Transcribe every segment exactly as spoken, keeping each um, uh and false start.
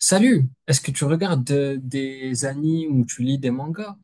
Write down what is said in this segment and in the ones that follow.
Salut, est-ce que tu regardes euh, des animes ou tu lis des mangas?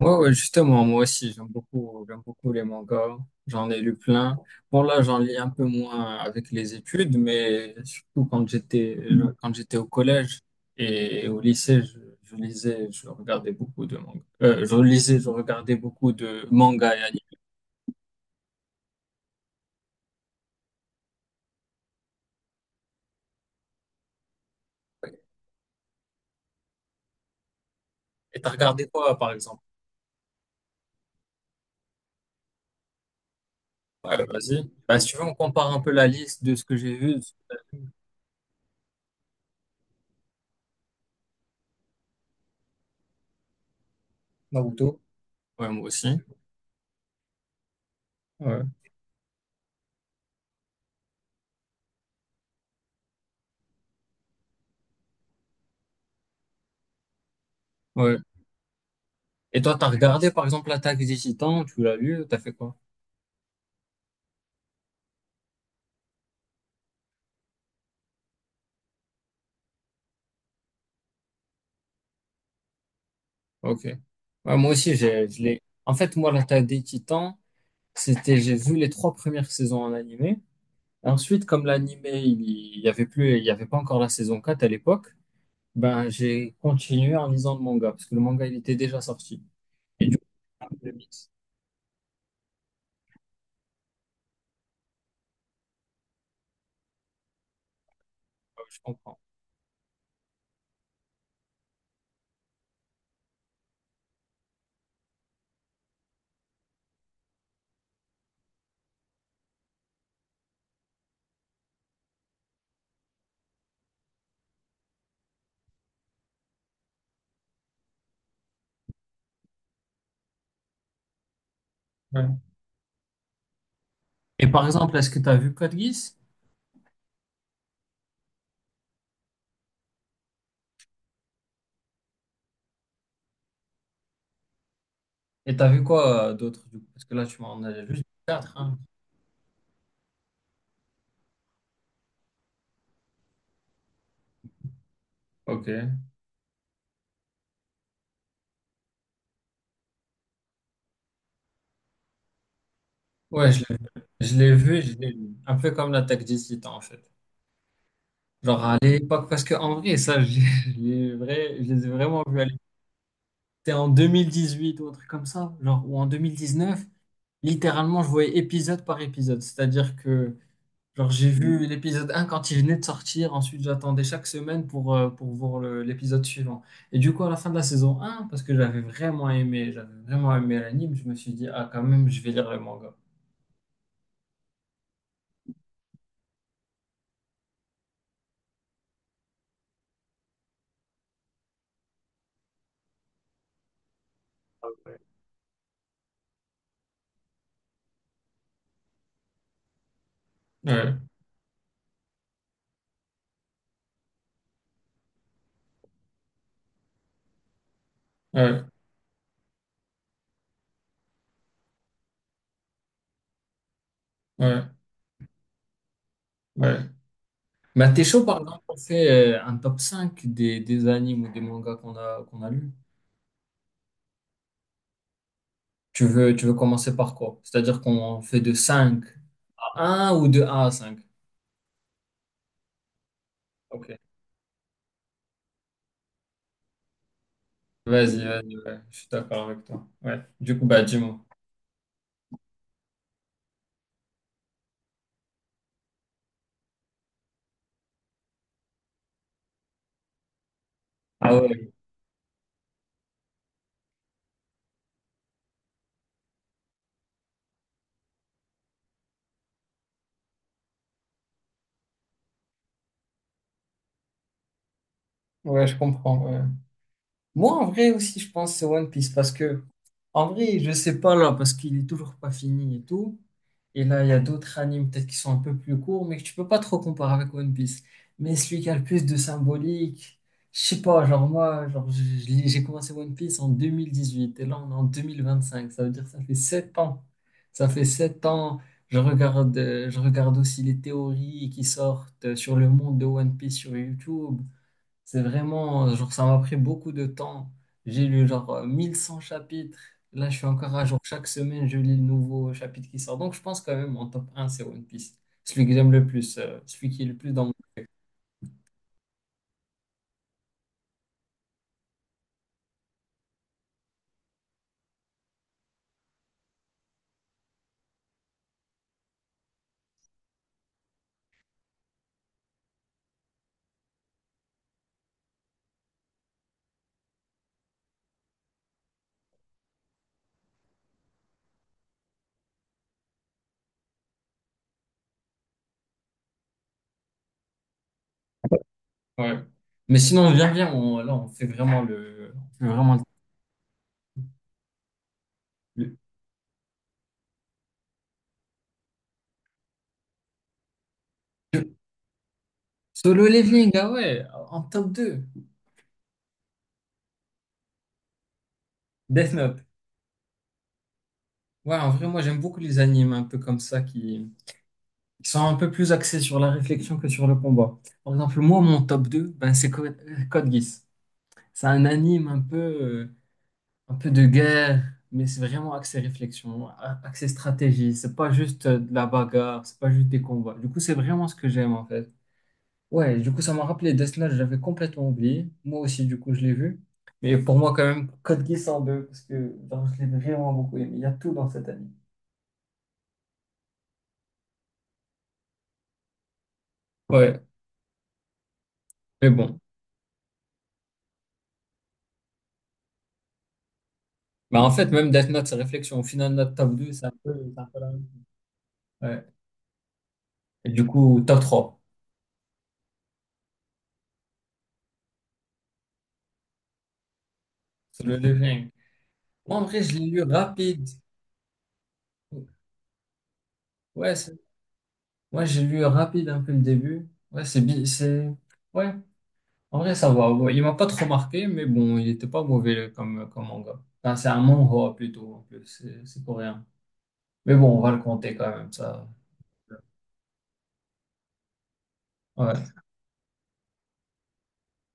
Ouais, ouais, justement, moi aussi, j'aime beaucoup, j'aime beaucoup les mangas. J'en ai lu plein. Bon, là, j'en lis un peu moins avec les études, mais surtout quand j'étais, euh, quand j'étais au collège et au lycée, je, je lisais, je regardais beaucoup de mangas. Euh, je lisais, je regardais beaucoup de mangas et animes. Et t'as regardé quoi, par exemple? Ouais, vas-y. Bah, si tu veux, on compare un peu la liste de ce que j'ai vu. Naruto. Ouais, moi aussi. Ouais. Ouais, et toi, t'as regardé par exemple l'attaque des Titans, tu l'as lu, t'as fait quoi? Ok. Ouais, moi aussi, j'ai, je l'ai. En fait, moi, l'attaque des Titans, c'était, j'ai vu les trois premières saisons en animé. Ensuite, comme l'animé, il il y avait plus, il y avait pas encore la saison quatre à l'époque, ben, j'ai continué en lisant le manga, parce que le manga, il était déjà sorti. Et du coup, j'ai fait le mix. Ouais, je comprends. Ouais. Et par exemple, est-ce que t'as vu Code Geass? Et t'as vu quoi euh, d'autre, du coup? Parce que là, tu m'en as vu quatre, hein. Ok. Ouais, je Je l'ai vu, je l'ai vu. Un peu comme l'attaque des Titans, en fait. Genre à l'époque, parce qu'en vrai, ça, je je l'ai vrai, je les ai vraiment vus à l'époque. C'était en deux mille dix-huit ou un truc comme ça, genre, ou en deux mille dix-neuf. Littéralement, je voyais épisode par épisode. C'est-à-dire que, genre, j'ai vu l'épisode un quand il venait de sortir. Ensuite, j'attendais chaque semaine pour, euh, pour voir le- l'épisode suivant. Et du coup, à la fin de la saison un, parce que j'avais vraiment aimé, j'avais vraiment aimé l'anime, je me suis dit, ah, quand même, je vais lire le manga. Ouais, ouais, ouais. Ouais. Bah, t'es chaud, par exemple, on fait euh, un top cinq des, des animes ou des mangas qu'on a, qu'on a lus. Tu veux, tu veux commencer par quoi? C'est-à-dire qu'on fait de cinq à un ou de un à cinq. Ok. Vas-y, vas-y, ouais, je suis d'accord avec toi. Ouais. Du coup, bah, dis-moi. Ah ouais, ouais, je comprends. Ouais. Moi, en vrai aussi, je pense que c'est One Piece parce que, en vrai, je sais pas là, parce qu'il est toujours pas fini et tout. Et là, il y a d'autres animes peut-être qui sont un peu plus courts, mais que tu peux pas trop comparer avec One Piece. Mais celui qui a le plus de symbolique, je sais pas, genre moi, genre, je- je l'ai- j'ai commencé One Piece en deux mille dix-huit et là, on est en deux mille vingt-cinq. Ça veut dire que ça fait sept ans. Ça fait sept ans. Je regarde, euh, je regarde aussi les théories qui sortent euh, sur le monde de One Piece sur YouTube. C'est vraiment, euh, genre, ça m'a pris beaucoup de temps. J'ai lu, genre, euh, mille cent chapitres. Là, je suis encore à jour. Chaque semaine, je lis le nouveau chapitre qui sort. Donc, je pense quand même, en top un c'est One Piece. Celui que j'aime le plus, euh, celui qui est le plus dans mon... Ouais. Mais sinon, viens, viens, on- là, on fait vraiment le... on fait vraiment le... le- Solo Leveling, ah ouais, en top deux Death Note. Ouais, en vrai, moi, j'aime beaucoup les animes un peu comme ça qui... qui sont un peu plus axés sur la réflexion que sur le combat. Par exemple, moi, mon top deux ben, c'est Code euh, Code Geass. C'est un anime un peu, euh, un peu de guerre, mais c'est vraiment axé réflexion, a- axé stratégie. C'est pas juste euh, de la bagarre, c'est pas juste des combats. Du coup, c'est vraiment ce que j'aime en fait. Ouais, du coup, ça m'a rappelé Death Note, j'avais complètement oublié. Moi aussi, du coup, je l'ai vu. Mais pour moi, quand même, Code Geass en deux, parce que genre, je l'ai vraiment beaucoup aimé. Il y a tout dans cet anime. Ouais, mais bon. Bah, en fait, même Death Note, c'est réflexion. Au final, notre top deux c'est un peu, c'est un peu la même. Ouais. Et du coup, top trois? C'est le leveling. En vrai, je l'ai lu rapide. Ouais, c'est- ouais, j'ai lu rapide un peu le début. Ouais, c'est bi- c'est ouais. En vrai, ça va. Ouais, il m'a pas trop marqué, mais bon, il était pas mauvais le- comme comme manga. Enfin, c'est un manhwa plutôt en plus. C'est c'est coréen. Mais bon, on va le compter quand même ça. Ouais.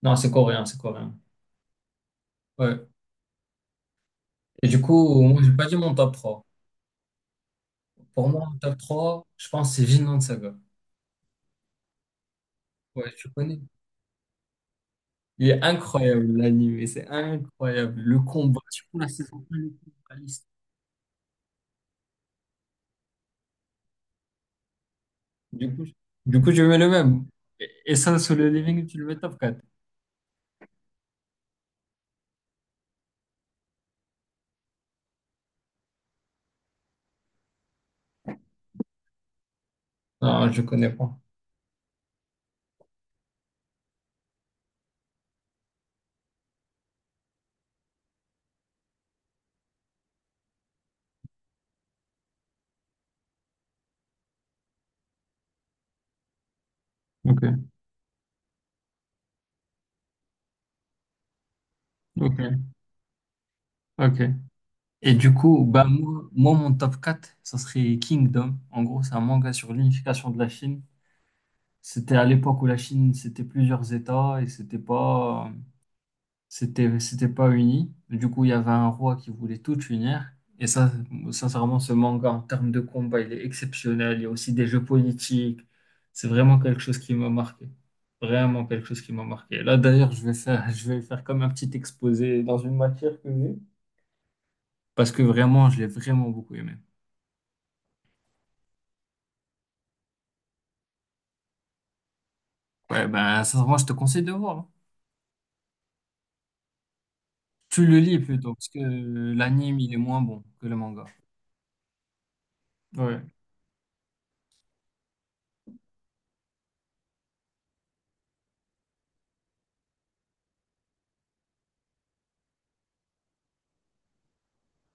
Non, c'est coréen, c'est coréen. Ouais. Et du coup, moi, j'ai pas dit mon top trois. Pour moi, mon top trois je pense que c'est Vinland Saga. Ouais, tu connais. Il est incroyable l'anime, c'est incroyable. Le combat, surtout la saison un, du coup, je- du coup, je mets le même. Et et ça, sur le living, tu le mets top quatre. Non, je connais pas. Ok, ok, ok. Et du coup, bah, moi, moi, mon top quatre, ça serait Kingdom. En gros, c'est un manga sur l'unification de la Chine. C'était à l'époque où la Chine, c'était plusieurs États et c'était pas. C'était c'était pas uni. Du coup, il y avait un roi qui voulait tout unir. Et ça, sincèrement, ce manga en termes de combat, il est exceptionnel. Il y a aussi des jeux politiques. C'est vraiment quelque chose qui m'a marqué. Vraiment quelque chose qui m'a marqué. Là, d'ailleurs, je vais faire, je vais faire comme un petit exposé dans une matière que j'ai. Parce que vraiment, je l'ai vraiment beaucoup aimé. Ouais, ben, sincèrement, je te conseille de voir. Hein. Tu le lis plutôt, parce que l'anime, il est moins bon que le manga. Ouais.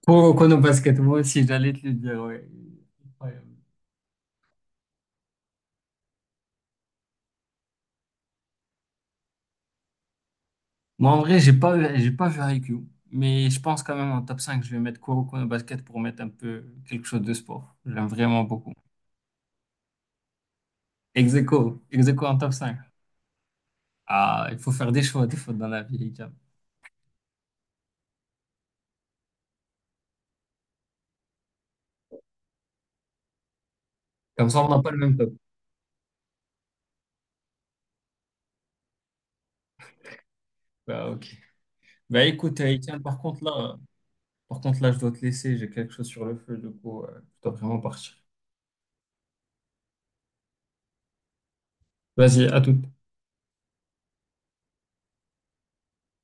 Pour Kono Basket, moi aussi, j'allais te le dire, ouais. Ouais. Moi, en vrai, j'ai pas, j'ai pas vu Haikyuu, mais je pense quand même en top cinq je vais mettre Kuroko no Basket pour mettre un peu quelque chose de sport. J'aime vraiment beaucoup. Ex aequo, ex aequo en top cinq. Ah, il faut faire des choix, des fois dans la vie, Hicham. Comme ça, on n'a pas le même top. Bah, ok. Bah, écoute, euh, Hicham, par contre, là, euh, par contre, là, je dois te laisser, j'ai quelque chose sur le feu, du coup, euh, je dois vraiment partir. Vas-y, à tout.